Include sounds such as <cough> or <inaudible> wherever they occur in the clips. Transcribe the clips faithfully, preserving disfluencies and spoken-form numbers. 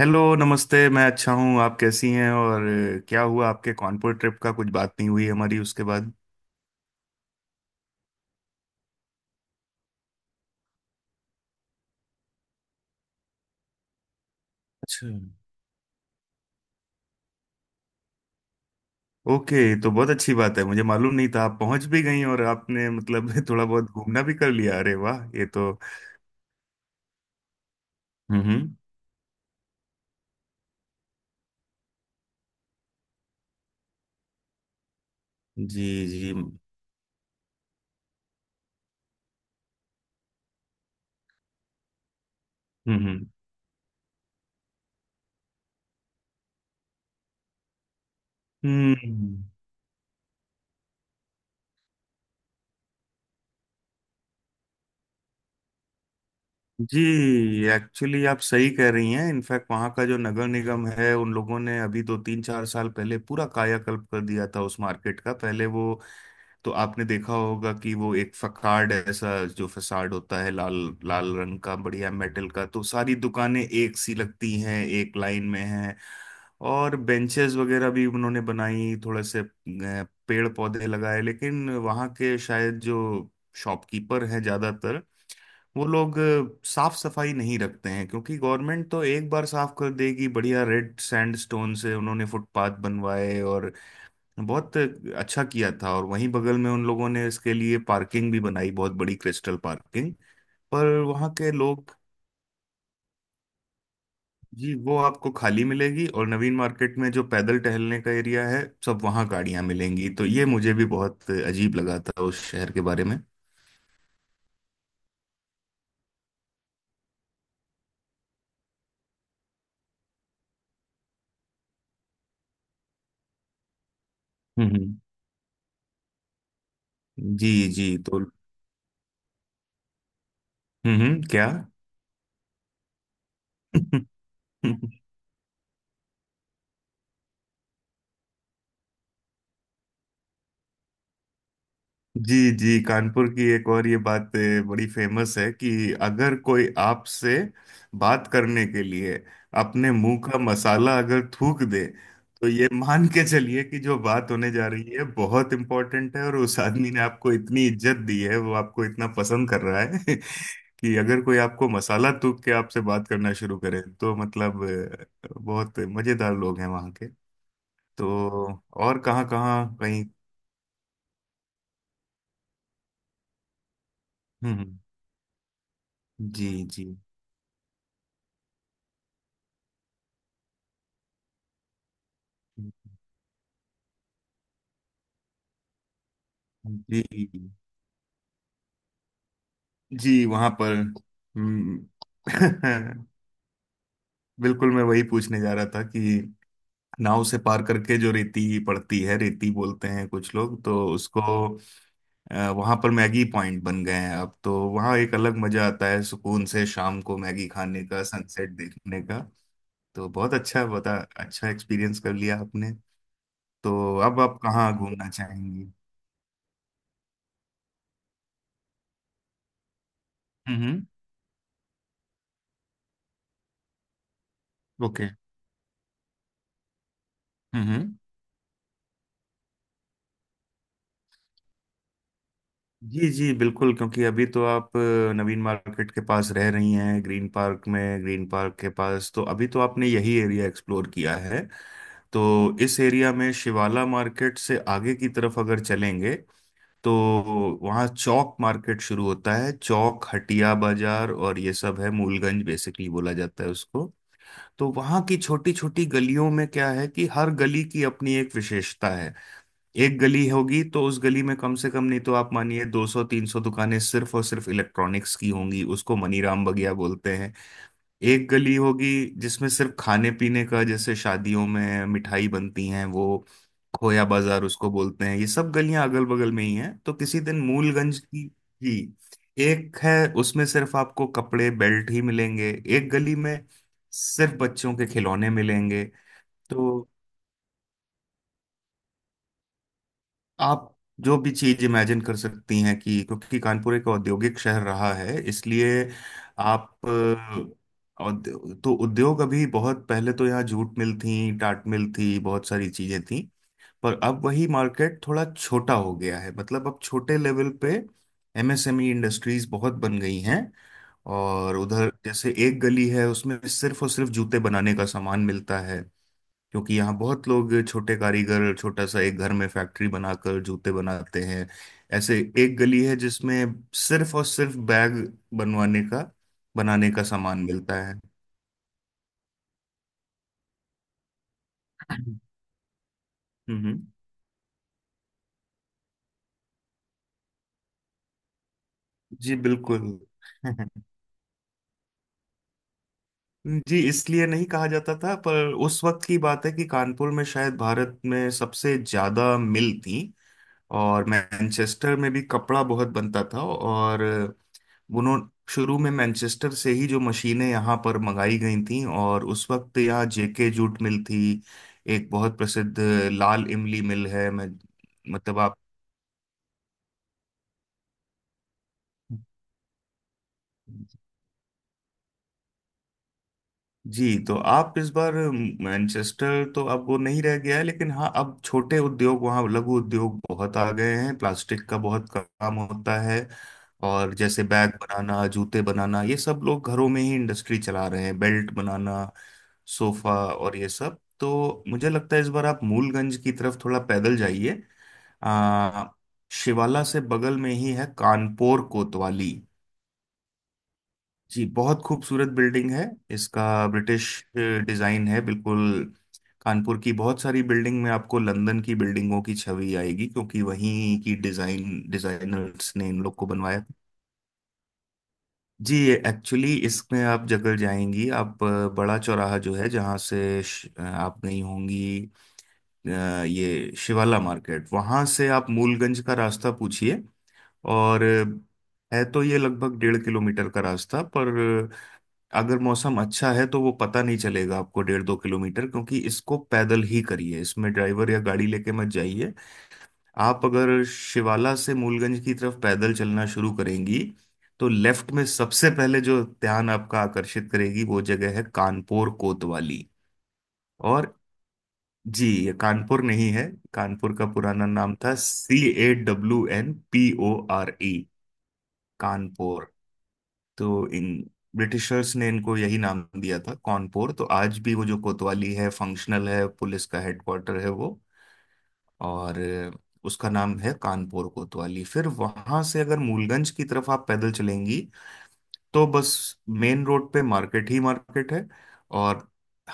Hello, नमस्ते। मैं अच्छा हूँ, आप कैसी हैं? और अ, क्या हुआ आपके कानपुर ट्रिप का? कुछ बात नहीं हुई हमारी उसके बाद। अच्छा। ओके, तो बहुत अच्छी बात है। मुझे मालूम नहीं था आप पहुंच भी गई और आपने मतलब <laughs> थोड़ा बहुत घूमना भी कर लिया। अरे वाह, ये तो हम्म हम्म। जी जी। हम्म हम्म हम्म, जी। एक्चुअली आप सही कह रही हैं। इनफैक्ट वहाँ का जो नगर निगम है उन लोगों ने अभी दो तीन चार साल पहले पूरा कायाकल्प कर दिया था उस मार्केट का। पहले वो तो आपने देखा होगा कि वो एक फसाड है, ऐसा जो फसाड होता है लाल लाल रंग का, बढ़िया मेटल का। तो सारी दुकानें एक सी लगती हैं, एक लाइन में हैं। और बेंचेस वगैरह भी उन्होंने बनाई, थोड़े से अ, पेड़ पौधे लगाए। लेकिन वहाँ के शायद जो शॉपकीपर हैं ज़्यादातर वो लोग साफ सफाई नहीं रखते हैं, क्योंकि गवर्नमेंट तो एक बार साफ कर देगी। बढ़िया रेड सैंडस्टोन से उन्होंने फुटपाथ बनवाए और बहुत अच्छा किया था। और वहीं बगल में उन लोगों ने इसके लिए पार्किंग भी बनाई, बहुत बड़ी क्रिस्टल पार्किंग। पर वहाँ के लोग, जी वो आपको खाली मिलेगी। और नवीन मार्केट में जो पैदल टहलने का एरिया है सब, वहाँ गाड़ियाँ मिलेंगी। तो ये मुझे भी बहुत अजीब लगा था उस शहर के बारे में। हम्म। जी जी। तो हम्म हम्म, क्या? <laughs> जी जी। कानपुर की एक और ये बात ए, बड़ी फेमस है कि अगर कोई आपसे बात करने के लिए अपने मुंह का मसाला अगर थूक दे, तो ये मान के चलिए कि जो बात होने जा रही है बहुत इंपॉर्टेंट है और उस आदमी ने आपको इतनी इज्जत दी है, वो आपको इतना पसंद कर रहा है <laughs> कि अगर कोई आपको मसाला थूक के आपसे बात करना शुरू करे, तो मतलब ए, बहुत मजेदार लोग हैं वहाँ के। तो और कहाँ कहाँ कहीं, हम्म हम्म, जी जी जी जी वहां पर हम्म। <laughs> बिल्कुल, मैं वही पूछने जा रहा था कि नाव से पार करके जो रेती पड़ती है, रेती बोलते हैं कुछ लोग तो उसको, वहां पर मैगी पॉइंट बन गए हैं अब। तो वहां एक अलग मजा आता है, सुकून से शाम को मैगी खाने का, सनसेट देखने का। तो बहुत अच्छा बता अच्छा एक्सपीरियंस कर लिया आपने। तो अब आप कहाँ घूमना चाहेंगी? हम्म ओके। हम्म, okay, हम्म। जी जी बिल्कुल। क्योंकि अभी तो आप अ, नवीन मार्केट के पास रह रही हैं, ग्रीन पार्क में, ग्रीन पार्क के पास। तो अभी तो आपने यही एरिया एक्सप्लोर किया है। तो इस एरिया में शिवाला मार्केट से आगे की तरफ अगर चलेंगे, तो वहाँ चौक मार्केट शुरू होता है, चौक हटिया बाजार और ये सब है, मूलगंज बेसिकली बोला जाता है उसको। तो वहाँ की छोटी छोटी गलियों में क्या है कि हर गली की अपनी एक विशेषता है। एक गली होगी, तो उस गली में कम से कम, नहीं तो आप मानिए दो सौ तीन सौ दुकानें सिर्फ और सिर्फ इलेक्ट्रॉनिक्स की होंगी। उसको मनीराम बगिया बोलते हैं। एक गली होगी जिसमें सिर्फ खाने पीने का, जैसे शादियों में मिठाई बनती हैं वो, खोया बाजार उसको बोलते हैं। ये सब गलियां अगल बगल में ही हैं। तो किसी दिन मूलगंज की ही एक है, उसमें सिर्फ आपको कपड़े बेल्ट ही मिलेंगे। एक गली में सिर्फ बच्चों के खिलौने मिलेंगे। तो आप जो भी चीज इमेजिन कर सकती हैं, कि क्योंकि कानपुर एक औद्योगिक शहर रहा है, इसलिए आप अ, औद- तो उद्योग, अभी बहुत पहले तो यहाँ जूट मिल थी, टाट मिल थी, बहुत सारी चीजें थी। पर अब वही मार्केट थोड़ा छोटा हो गया है, मतलब अब छोटे लेवल पे एमएसएमई इंडस्ट्रीज बहुत बन गई हैं। और उधर जैसे एक गली है, उसमें सिर्फ और सिर्फ जूते बनाने का सामान मिलता है, क्योंकि यहाँ बहुत लोग छोटे कारीगर, छोटा सा एक घर में फैक्ट्री बनाकर जूते बनाते हैं। ऐसे एक गली है जिसमें सिर्फ और सिर्फ बैग बनवाने का, बनाने का सामान मिलता है। <laughs> हम्म। जी बिल्कुल। <laughs> जी इसलिए नहीं कहा जाता था, पर उस वक्त की बात है कि कानपुर में शायद भारत में सबसे ज्यादा मिल थी। और मैनचेस्टर में भी कपड़ा बहुत बनता था, और उन्होंने शुरू में मैनचेस्टर से ही जो मशीनें यहाँ पर मंगाई गई थीं, और उस वक्त यहाँ जेके जूट मिल थी, एक बहुत प्रसिद्ध लाल इमली मिल है। मैं मतलब आप, जी तो आप इस बार, मैनचेस्टर तो अब वो नहीं रह गया है, लेकिन हाँ अब छोटे उद्योग वहाँ, लघु उद्योग बहुत आ गए हैं। प्लास्टिक का बहुत काम होता है, और जैसे बैग बनाना, जूते बनाना, ये सब लोग घरों में ही इंडस्ट्री चला रहे हैं, बेल्ट बनाना, सोफा और ये सब। तो मुझे लगता है इस बार आप मूलगंज की तरफ थोड़ा पैदल जाइए। आ, शिवाला से बगल में ही है कानपुर कोतवाली। जी बहुत खूबसूरत बिल्डिंग है इसका। ब्रिटिश डिजाइन है बिल्कुल। कानपुर की बहुत सारी बिल्डिंग में आपको लंदन की बिल्डिंगों की छवि आएगी, क्योंकि वहीं की डिजाइन डिजाइनर्स ने इन लोग को बनवाया था। जी एक्चुअली इसमें आप जगह जाएंगी, आप अ, बड़ा चौराहा जो है, जहाँ से श- अ, आप गई होंगी। अ, ये शिवाला मार्केट, वहाँ से आप मूलगंज का रास्ता पूछिए। और अ, है तो ये लगभग डेढ़ किलोमीटर का रास्ता, पर अगर मौसम अच्छा है तो वो पता नहीं चलेगा आपको, डेढ़ दो किलोमीटर। क्योंकि इसको पैदल ही करिए, इसमें ड्राइवर या गाड़ी लेके मत जाइए। आप अगर शिवाला से मूलगंज की तरफ पैदल चलना शुरू करेंगी, तो लेफ्ट में सबसे पहले जो ध्यान आपका आकर्षित करेगी वो जगह है कानपुर कोतवाली। और जी, ये कानपुर नहीं है। कानपुर का पुराना नाम था C A W N P O R E, Kanpur. तो इन ब्रिटिशर्स ने इनको यही नाम दिया था, कानपुर। तो आज भी वो जो कोतवाली है फंक्शनल है, पुलिस का हेडक्वार्टर है वो। और अ, उसका नाम है कानपुर कोतवाली। फिर वहां से अगर मूलगंज की तरफ आप पैदल चलेंगी, तो बस, मेन रोड पे मार्केट ही मार्केट है। और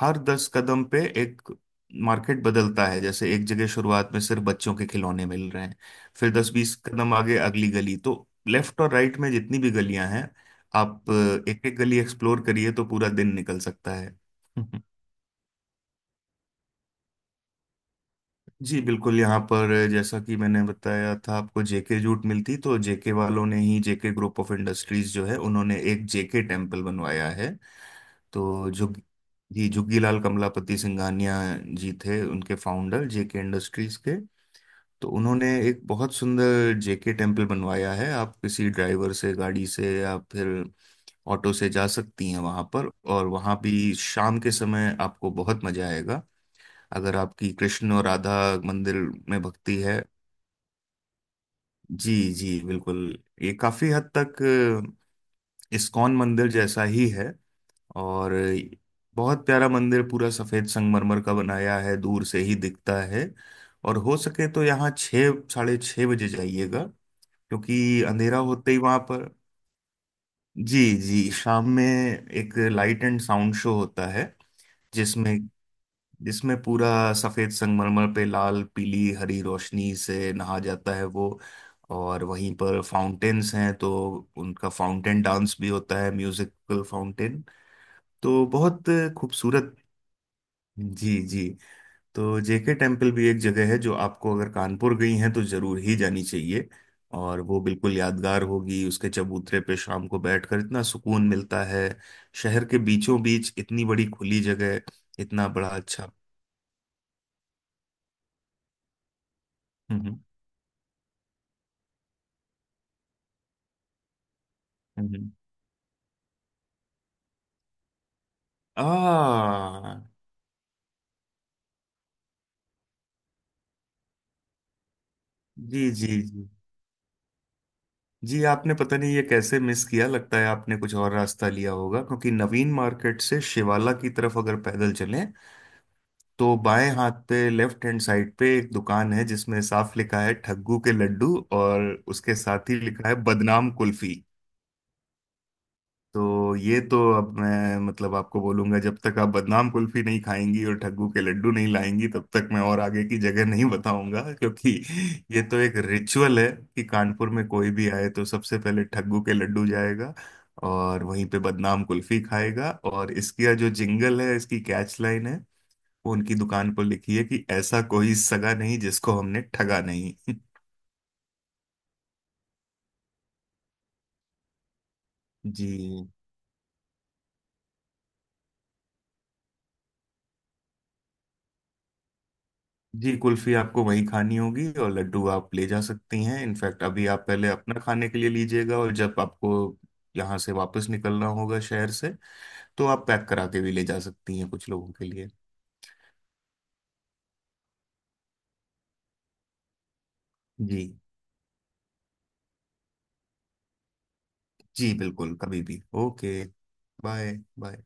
हर दस कदम पे एक मार्केट बदलता है। जैसे एक जगह शुरुआत में सिर्फ बच्चों के खिलौने मिल रहे हैं, फिर दस बीस कदम आगे अगली गली। तो लेफ्ट और राइट में जितनी भी गलियां हैं, आप एक एक गली एक्सप्लोर करिए तो पूरा दिन निकल सकता है। <laughs> जी बिल्कुल। यहाँ पर जैसा कि मैंने बताया था आपको, जेके जूट मिलती, तो जेके वालों ने ही, जेके ग्रुप ऑफ इंडस्ट्रीज जो है, उन्होंने एक जेके टेम्पल बनवाया है। तो जो जी जुग्गीलाल कमलापति सिंघानिया जी थे, उनके फाउंडर जेके इंडस्ट्रीज के। तो उन्होंने एक बहुत सुंदर जेके टेम्पल बनवाया है। आप किसी ड्राइवर से, गाड़ी से या फिर ऑटो से जा सकती हैं वहाँ पर। और वहाँ भी शाम के समय आपको बहुत मजा आएगा, अगर आपकी कृष्ण और राधा मंदिर में भक्ति है। जी जी बिल्कुल। ये काफी हद तक अ, इस्कॉन मंदिर जैसा ही है। और बहुत प्यारा मंदिर, पूरा सफेद संगमरमर का बनाया है, दूर से ही दिखता है। और हो सके तो यहाँ छः साढ़े छः बजे जाइएगा, क्योंकि अंधेरा होते ही वहां पर, जी जी शाम में एक लाइट एंड साउंड शो होता है जिसमें जिसमें पूरा सफेद संगमरमर पे लाल पीली हरी रोशनी से नहा जाता है वो। और वहीं पर फाउंटेन्स हैं, तो उनका फाउंटेन डांस भी होता है, म्यूजिकल फाउंटेन। तो बहुत खूबसूरत। जी जी। तो जेके टेम्पल भी एक जगह है जो आपको, अगर कानपुर गई हैं तो जरूर ही जानी चाहिए। और वो बिल्कुल यादगार होगी। उसके चबूतरे पे शाम को बैठकर इतना सुकून मिलता है, शहर के बीचों बीच इतनी बड़ी खुली जगह, इतना बड़ा, अच्छा। हम्म हम्म हम्म, आ जी जी जी जी, आपने पता नहीं ये कैसे मिस किया। लगता है आपने कुछ और रास्ता लिया होगा, क्योंकि नवीन मार्केट से शिवाला की तरफ अगर पैदल चलें, तो बाएं हाथ पे, लेफ्ट हैंड साइड पे एक दुकान है जिसमें साफ लिखा है ठग्गू के लड्डू, और उसके साथ ही लिखा है बदनाम कुल्फी। तो ये तो अब मैं मतलब आपको बोलूंगा, जब तक आप बदनाम कुल्फी नहीं खाएंगी और ठग्गू के लड्डू नहीं लाएंगी, तब तक मैं और आगे की जगह नहीं बताऊंगा। क्योंकि ये तो एक रिचुअल है कि कानपुर में कोई भी आए तो सबसे पहले ठग्गू के लड्डू जाएगा, और वहीं पे बदनाम कुल्फी खाएगा। और इसका जो जिंगल है, इसकी कैच लाइन है, वो उनकी दुकान पर लिखी है कि ऐसा कोई सगा नहीं जिसको हमने ठगा नहीं। <laughs> जी जी। कुल्फी आपको वहीं खानी होगी और लड्डू आप ले जा सकती हैं। इनफैक्ट अभी आप पहले अपना खाने के लिए लीजिएगा, और जब आपको यहाँ से वापस निकलना होगा शहर से, तो आप पैक करा के भी ले जा सकती हैं कुछ लोगों के लिए। जी जी बिल्कुल, कभी भी। Okay bye. बाय।